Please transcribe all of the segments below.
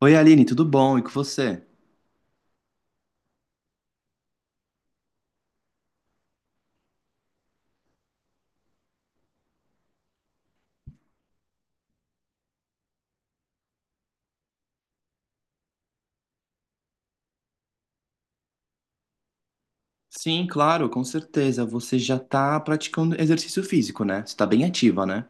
Oi, Aline, tudo bom? E com você? Sim, claro, com certeza. Você já está praticando exercício físico, né? Você está bem ativa, né?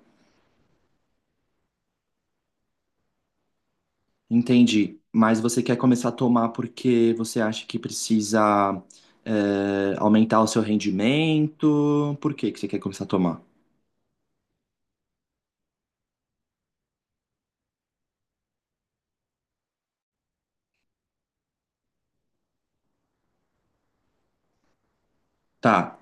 Entendi. Mas você quer começar a tomar porque você acha que precisa, aumentar o seu rendimento? Por que que você quer começar a tomar? Tá,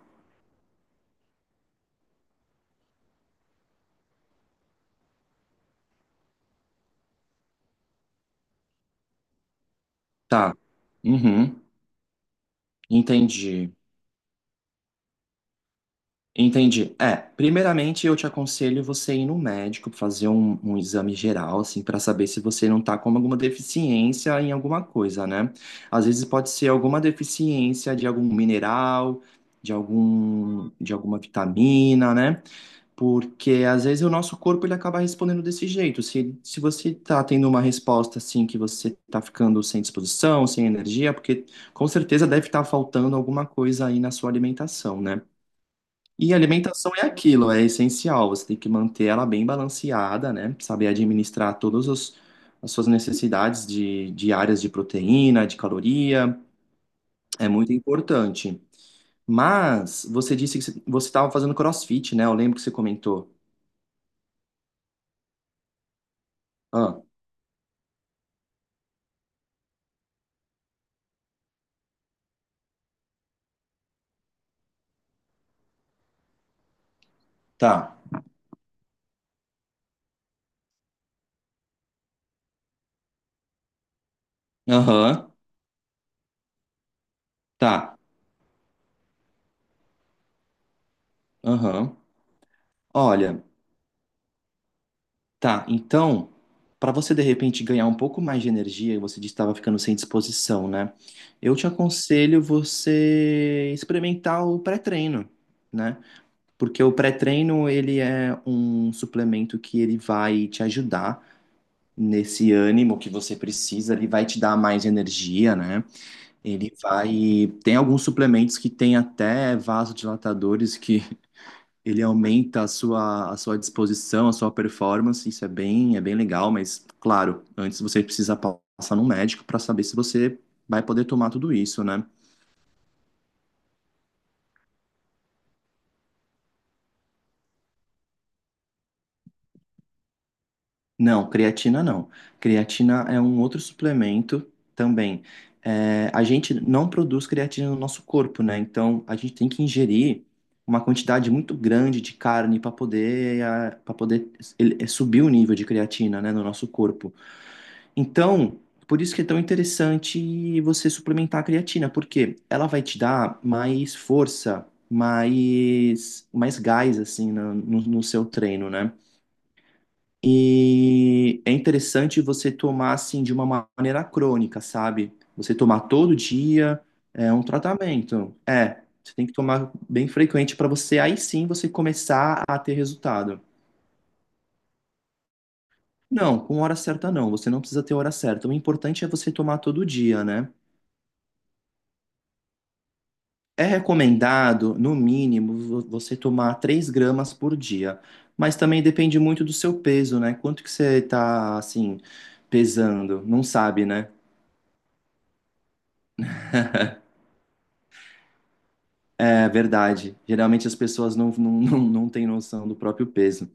tá. Uhum. Entendi. Entendi. Primeiramente eu te aconselho você ir no médico, fazer um exame geral, assim, para saber se você não tá com alguma deficiência em alguma coisa, né? Às vezes pode ser alguma deficiência de algum mineral, de alguma vitamina, né? Porque às vezes o nosso corpo ele acaba respondendo desse jeito. Se você tá tendo uma resposta assim que você tá ficando sem disposição, sem energia, porque com certeza deve estar faltando alguma coisa aí na sua alimentação, né? E alimentação é aquilo, é essencial. Você tem que manter ela bem balanceada, né? Saber administrar todas os- As suas necessidades diárias de proteína, de caloria, é muito importante. Mas você disse que você estava fazendo CrossFit, né? Eu lembro que você comentou. Ah, tá. Aham, tá. Aham. Olha. Tá, então, para você de repente ganhar um pouco mais de energia, você disse que estava ficando sem disposição, né? Eu te aconselho você experimentar o pré-treino, né? Porque o pré-treino, ele é um suplemento que ele vai te ajudar nesse ânimo que você precisa, ele vai te dar mais energia, né? Ele vai... Tem alguns suplementos que tem até vasodilatadores que ele aumenta a sua disposição, a sua performance, isso é bem legal, mas claro, antes você precisa passar no médico para saber se você vai poder tomar tudo isso, né? Não, creatina não. Creatina é um outro suplemento também. É, a gente não produz creatina no nosso corpo, né? Então a gente tem que ingerir uma quantidade muito grande de carne para poder subir o nível de creatina, né, no nosso corpo. Então, por isso que é tão interessante você suplementar a creatina, porque ela vai te dar mais força, mais gás, assim, no seu treino, né? E é interessante você tomar, assim, de uma maneira crônica, sabe? Você tomar todo dia é um tratamento. É, você tem que tomar bem frequente para você, aí sim, você começar a ter resultado. Não, com hora certa não, você não precisa ter hora certa. O importante é você tomar todo dia, né? É recomendado, no mínimo, você tomar 3 gramas por dia, mas também depende muito do seu peso, né? Quanto que você tá, assim, pesando? Não sabe, né? É verdade. Geralmente as pessoas não têm noção do próprio peso.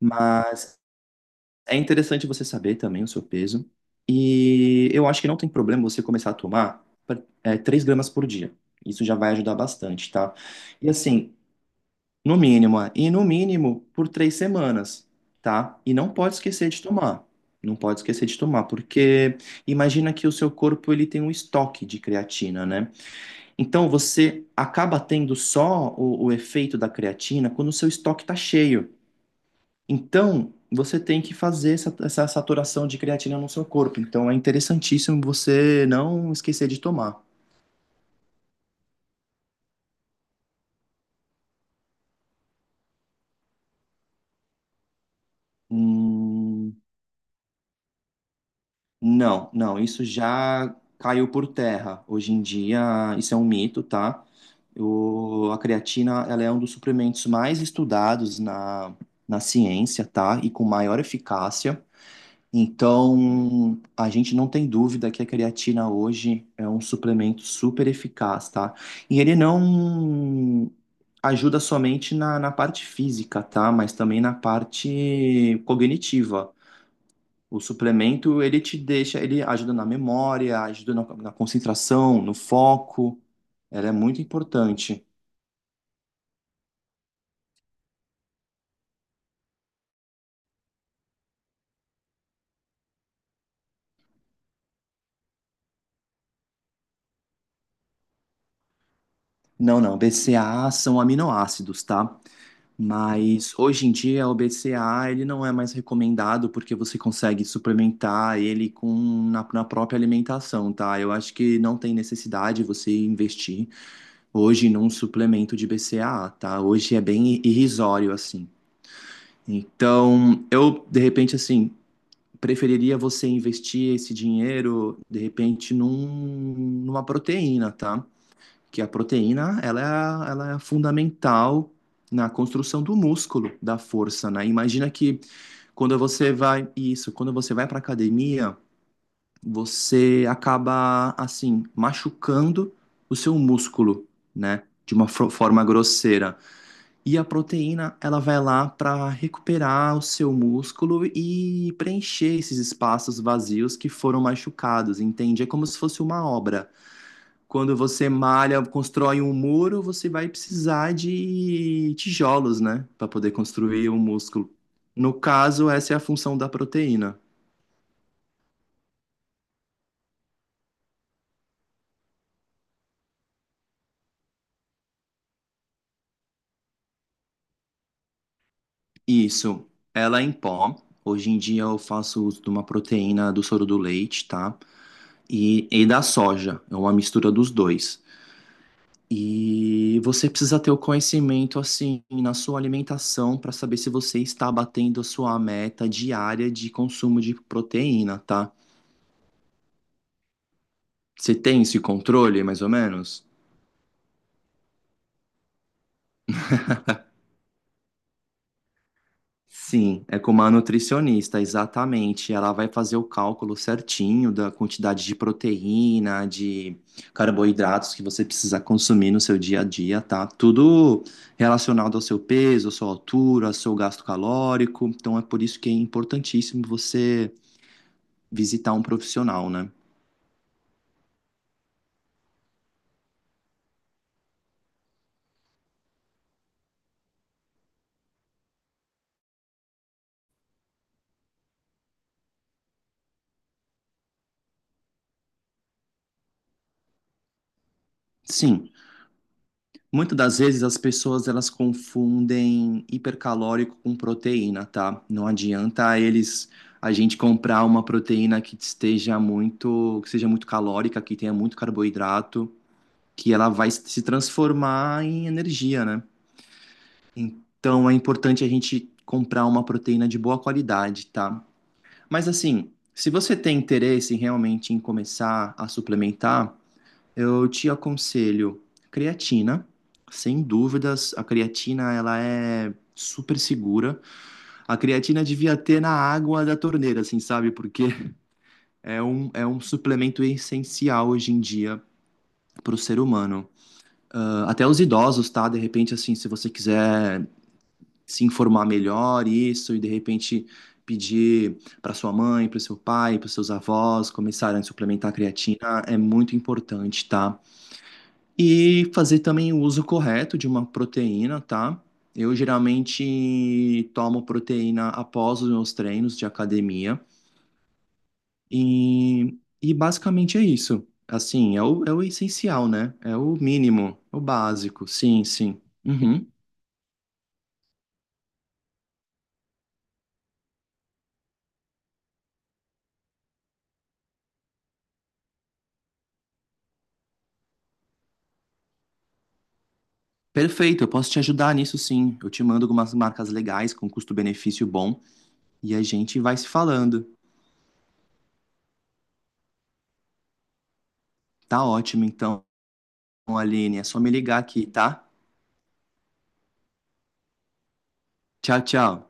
Mas é interessante você saber também o seu peso. E eu acho que não tem problema você começar a tomar 3 gramas por dia. Isso já vai ajudar bastante, tá? E assim, no mínimo, é. E no mínimo por três semanas, tá? E não pode esquecer de tomar. Não pode esquecer de tomar, porque imagina que o seu corpo ele tem um estoque de creatina, né? Então você acaba tendo só o efeito da creatina quando o seu estoque está cheio. Então você tem que fazer essa saturação de creatina no seu corpo. Então é interessantíssimo você não esquecer de tomar. Hum, Não, não, isso já caiu por terra. Hoje em dia, isso é um mito, tá? A creatina, ela é um dos suplementos mais estudados na ciência, tá? E com maior eficácia. Então, a gente não tem dúvida que a creatina hoje é um suplemento super eficaz, tá? E ele não ajuda somente na parte física, tá? Mas também na parte cognitiva. O suplemento, ele te deixa, ele ajuda na memória, ajuda na concentração, no foco. Ela é muito importante. Não, não, BCAA são aminoácidos, tá? Mas hoje em dia o BCAA ele não é mais recomendado porque você consegue suplementar ele com na própria alimentação, tá? Eu acho que não tem necessidade você investir hoje num suplemento de BCAA, tá? Hoje é bem irrisório assim. Então, eu de repente assim, preferiria você investir esse dinheiro, de repente, numa proteína, tá? Que a proteína, ela é fundamental na construção do músculo, da força, né? Imagina que quando você vai, isso, quando você vai para academia, você acaba, assim, machucando o seu músculo, né? De uma forma grosseira. E a proteína, ela vai lá para recuperar o seu músculo e preencher esses espaços vazios que foram machucados, entende? É como se fosse uma obra. Quando você malha, constrói um muro, você vai precisar de tijolos, né, para poder construir o músculo. No caso, essa é a função da proteína. Isso, ela é em pó. Hoje em dia eu faço uso de uma proteína do soro do leite, tá? E da soja, é uma mistura dos dois. E você precisa ter o conhecimento assim na sua alimentação para saber se você está batendo a sua meta diária de consumo de proteína, tá? Você tem esse controle, mais ou menos? Sim, é com uma nutricionista, exatamente. Ela vai fazer o cálculo certinho da quantidade de proteína, de carboidratos que você precisa consumir no seu dia a dia, tá? Tudo relacionado ao seu peso, à sua altura, ao seu gasto calórico. Então é por isso que é importantíssimo você visitar um profissional, né? Sim, muitas das vezes as pessoas elas confundem hipercalórico com proteína, tá? Não adianta eles A gente comprar uma proteína que esteja muito, que seja muito calórica, que tenha muito carboidrato, que ela vai se transformar em energia, né? Então é importante a gente comprar uma proteína de boa qualidade, tá? Mas assim, se você tem interesse realmente em começar a suplementar, eu te aconselho creatina, sem dúvidas. A creatina, ela é super segura. A creatina devia ter na água da torneira, assim, sabe? Porque é um suplemento essencial hoje em dia para o ser humano. Ah, até os idosos, tá? De repente, assim, se você quiser se informar melhor isso e de repente pedir para sua mãe, para seu pai, para seus avós começarem a suplementar a creatina, é muito importante, tá? E fazer também o uso correto de uma proteína, tá? Eu geralmente tomo proteína após os meus treinos de academia e, e basicamente é isso. Assim, é o essencial, né? É o mínimo, o básico. Sim, sim. Uhum. Perfeito, eu posso te ajudar nisso sim. Eu te mando algumas marcas legais com custo-benefício bom e a gente vai se falando. Tá ótimo, então, Aline. É só me ligar aqui, tá? Tchau, tchau.